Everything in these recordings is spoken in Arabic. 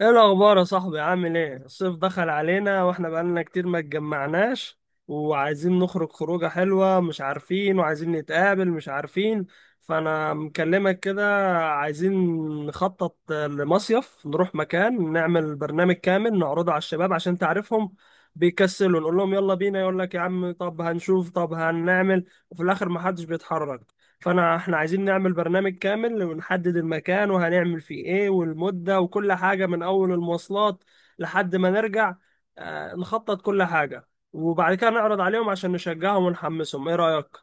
ايه الاخبار يا صاحبي؟ عامل ايه؟ الصيف دخل علينا واحنا بقالنا كتير ما اتجمعناش، وعايزين نخرج خروجه حلوه مش عارفين، وعايزين نتقابل مش عارفين. فانا مكلمك كده. عايزين نخطط لمصيف، نروح مكان، نعمل برنامج كامل نعرضه على الشباب عشان تعرفهم بيكسلوا، نقول لهم يلا بينا يقول لك يا عم طب هنشوف طب هنعمل وفي الاخر ما حدش بيتحرك. فانا احنا عايزين نعمل برنامج كامل ونحدد المكان وهنعمل فيه ايه والمدة وكل حاجة، من اول المواصلات لحد ما نرجع. نخطط كل حاجة وبعد كده نعرض عليهم عشان نشجعهم ونحمسهم. ايه رأيك؟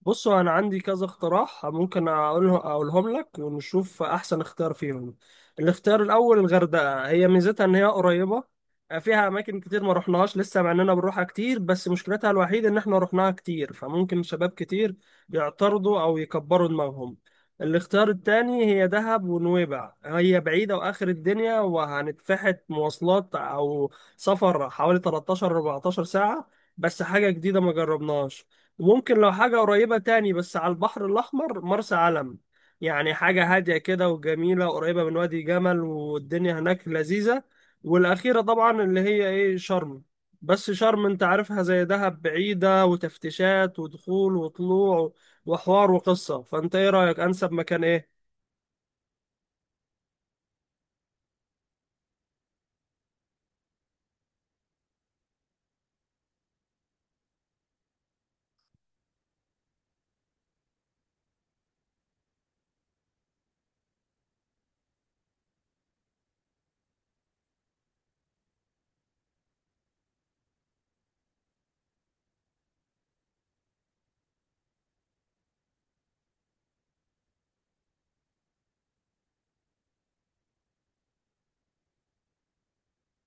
بصوا، انا عندي كذا اقتراح ممكن اقولهم لك ونشوف احسن اختيار فيهم. الاختيار الاول الغردقه، هي ميزتها ان هي قريبه، فيها اماكن كتير ما رحناهاش لسه مع اننا بنروحها كتير، بس مشكلتها الوحيده ان احنا رحناها كتير فممكن شباب كتير يعترضوا او يكبروا دماغهم. الاختيار التاني هي دهب ونويبع، هي بعيدة وآخر الدنيا وهنتفحت مواصلات أو سفر حوالي 13 14 ساعة، بس حاجة جديدة ما جربناهاش. ممكن لو حاجة قريبة تاني بس على البحر الأحمر، مرسى علم، يعني حاجة هادية كده وجميلة، قريبة من وادي جمل والدنيا هناك لذيذة. والأخيرة طبعا اللي هي إيه، شرم. بس شرم أنت عارفها زي دهب، بعيدة وتفتيشات ودخول وطلوع وحوار وقصة. فأنت إيه رأيك؟ أنسب مكان إيه؟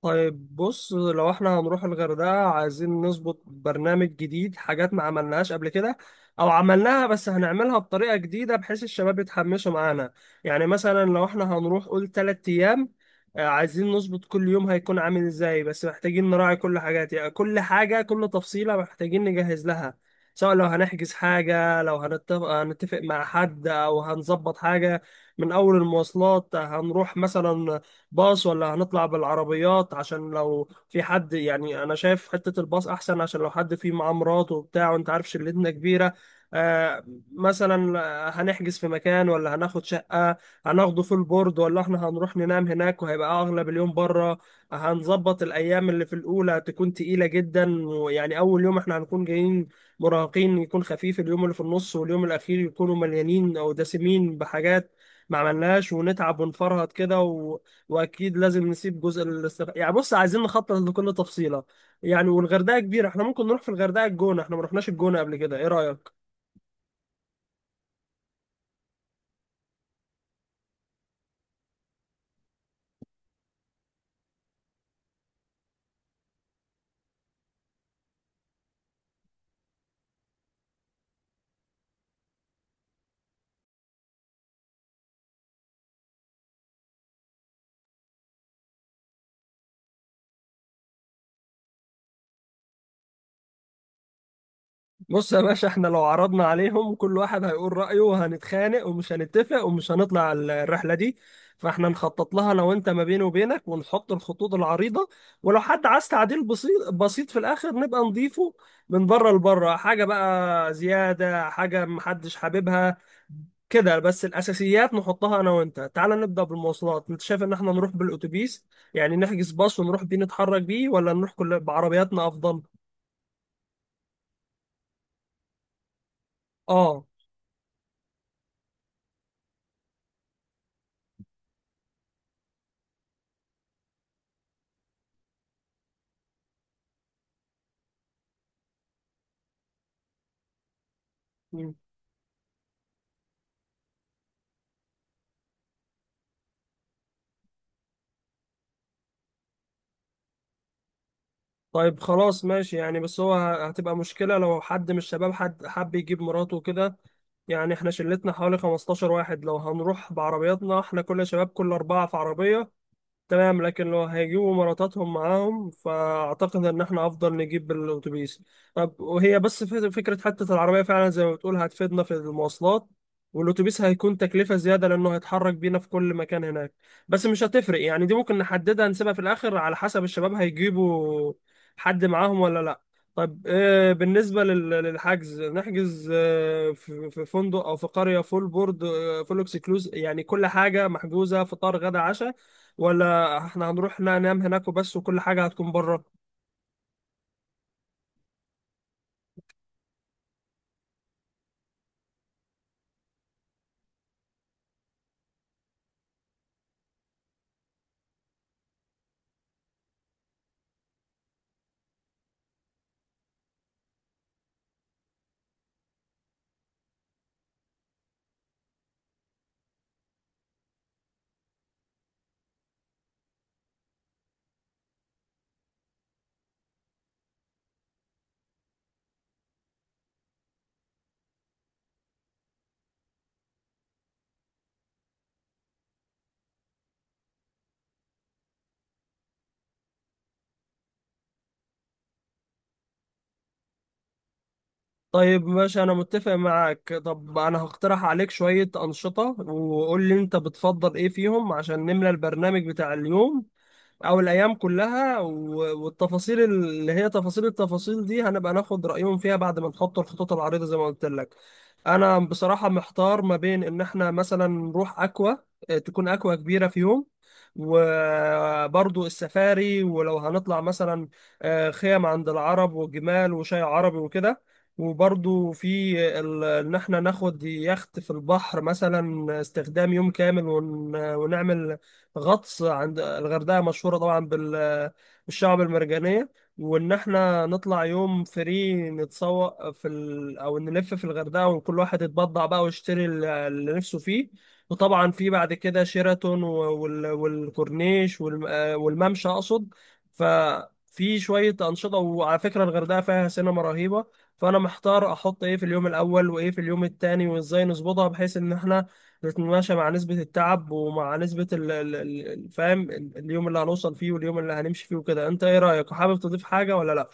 طيب بص، لو احنا هنروح الغردقة عايزين نظبط برنامج جديد، حاجات ما عملناهاش قبل كده او عملناها بس هنعملها بطريقة جديدة بحيث الشباب يتحمسوا معانا. يعني مثلا لو احنا هنروح قول تلات ايام، عايزين نظبط كل يوم هيكون عامل ازاي، بس محتاجين نراعي كل حاجات، يعني كل حاجة كل تفصيلة محتاجين نجهز لها. سواء لو هنحجز حاجة، لو هنتفق مع حد او هنظبط حاجة، من اول المواصلات هنروح مثلا باص ولا هنطلع بالعربيات؟ عشان لو في حد، يعني انا شايف حتة الباص احسن عشان لو حد فيه معاه مراته وبتاع، وانت عارف شلتنا كبيرة. آه مثلا، هنحجز في مكان ولا هناخد شقة؟ هناخده في البورد ولا احنا هنروح ننام هناك وهيبقى اغلب اليوم بره؟ هنظبط الايام، اللي في الاولى هتكون تقيلة جدا، ويعني اول يوم احنا هنكون جايين مراهقين يكون خفيف، اليوم اللي في النص واليوم الاخير يكونوا مليانين او دسمين بحاجات ما عملناش ونتعب ونفرهد كده. واكيد لازم نسيب جزء يعني بص عايزين نخطط لكل تفصيله. يعني والغردقه كبيره، احنا ممكن نروح في الغردقه الجونه، احنا ما رحناش الجونه قبل كده. ايه رايك؟ بص يا باشا، احنا لو عرضنا عليهم كل واحد هيقول رايه وهنتخانق ومش هنتفق ومش هنطلع الرحله دي. فاحنا نخطط لها انا وانت ما بيني وبينك، ونحط الخطوط العريضه، ولو حد عايز تعديل بسيط بسيط في الاخر نبقى نضيفه، من بره لبره، حاجه بقى زياده، حاجه محدش حاببها كده، بس الاساسيات نحطها انا وانت. تعال نبدا بالمواصلات، انت شايف ان احنا نروح بالاتوبيس، يعني نحجز باص ونروح بيه نتحرك بيه، ولا نروح كل بعربياتنا افضل؟ اه. مم. طيب خلاص ماشي، يعني بس هو هتبقى مشكله لو حد من الشباب حد حب يجيب مراته وكده. يعني احنا شلتنا حوالي 15 واحد، لو هنروح بعربياتنا احنا كل شباب كل اربعه في عربيه تمام، لكن لو هيجيبوا مراتاتهم معاهم فأعتقد إن إحنا أفضل نجيب الأتوبيس. طب وهي بس فكرة حتة العربية فعلا زي ما بتقول هتفيدنا في المواصلات، والأتوبيس هيكون تكلفة زيادة لأنه هيتحرك بينا في كل مكان هناك. بس مش هتفرق، يعني دي ممكن نحددها نسيبها في الآخر على حسب الشباب هيجيبوا حد معاهم ولا لأ. طب، بالنسبة للحجز نحجز، في فندق أو في قرية فول بورد، فول اكسكلوز، يعني كل حاجة محجوزة فطار غدا عشاء، ولا احنا هنروح لا ننام هناك وبس وكل حاجة هتكون بره؟ طيب ماشي، انا متفق معاك. طب انا هقترح عليك شوية انشطة وقول لي انت بتفضل ايه فيهم عشان نملى البرنامج بتاع اليوم او الايام كلها، والتفاصيل اللي هي تفاصيل، التفاصيل دي هنبقى ناخد رايهم فيها بعد ما نحط الخطوط العريضه زي ما قلت لك. انا بصراحه محتار ما بين ان احنا مثلا نروح اكوا، تكون اكوا كبيره في يوم، وبرضو السفاري، ولو هنطلع مثلا خيم عند العرب وجمال وشاي عربي وكده، وبرضو في ان احنا ناخد يخت في البحر مثلا استخدام يوم كامل ونعمل غطس، عند الغردقة مشهورة طبعا بالشعب المرجانية. وإن إحنا نطلع يوم فري نتسوق في أو نلف في الغردقة وكل واحد يتبضع بقى ويشتري اللي نفسه فيه، وطبعا في بعد كده شيراتون والكورنيش والممشى أقصد. ففي شوية أنشطة، وعلى فكرة الغردقة فيها سينما رهيبة. فأنا محتار أحط إيه في اليوم الأول وإيه في اليوم التاني وإزاي نظبطها بحيث إن إحنا بتتماشى مع نسبة التعب ومع نسبة فاهم اليوم اللي هنوصل فيه واليوم اللي هنمشي فيه وكده. انت ايه رأيك حابب تضيف حاجة ولا لا؟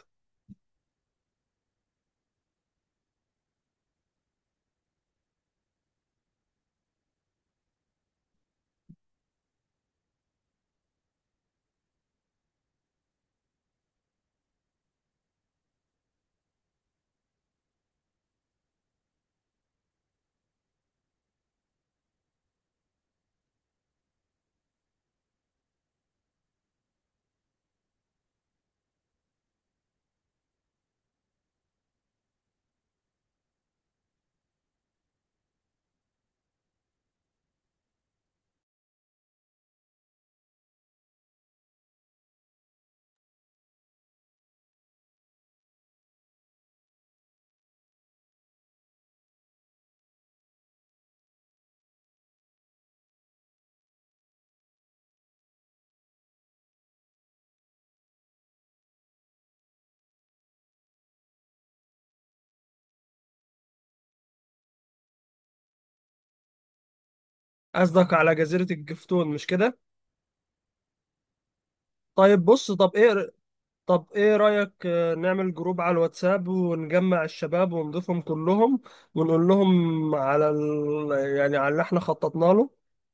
قصدك على جزيرة الجفتون، مش كده؟ طيب بص، طب ايه رأيك نعمل جروب على الواتساب ونجمع الشباب ونضيفهم كلهم، ونقول لهم على يعني على اللي احنا خططنا له،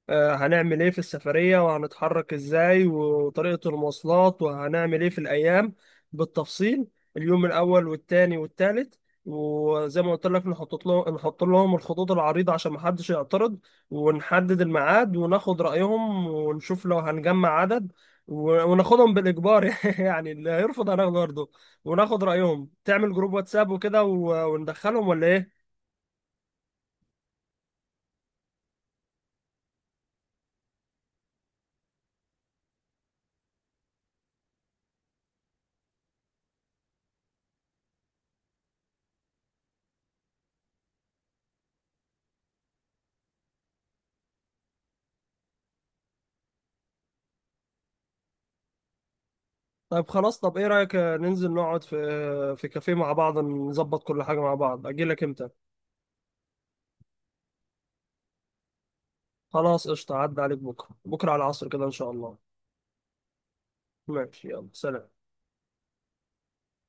هنعمل ايه في السفرية وهنتحرك ازاي وطريقة المواصلات وهنعمل ايه في الايام بالتفصيل، اليوم الاول والتاني والتالت، وزي ما قلت لك نحط لهم الخطوط العريضة عشان محدش يعترض، ونحدد الميعاد وناخد رأيهم ونشوف لو هنجمع عدد، وناخدهم بالاجبار يعني اللي هيرفض هناخده برضه وناخد رايهم. تعمل جروب واتساب وكده وندخلهم ولا ايه؟ طيب خلاص، طب ايه رايك ننزل نقعد في كافيه مع بعض نظبط كل حاجه مع بعض؟ اجي لك امتى؟ خلاص قشطه، عدى عليك بكره، بكره على العصر كده ان شاء الله. ماشي، يلا، سلام.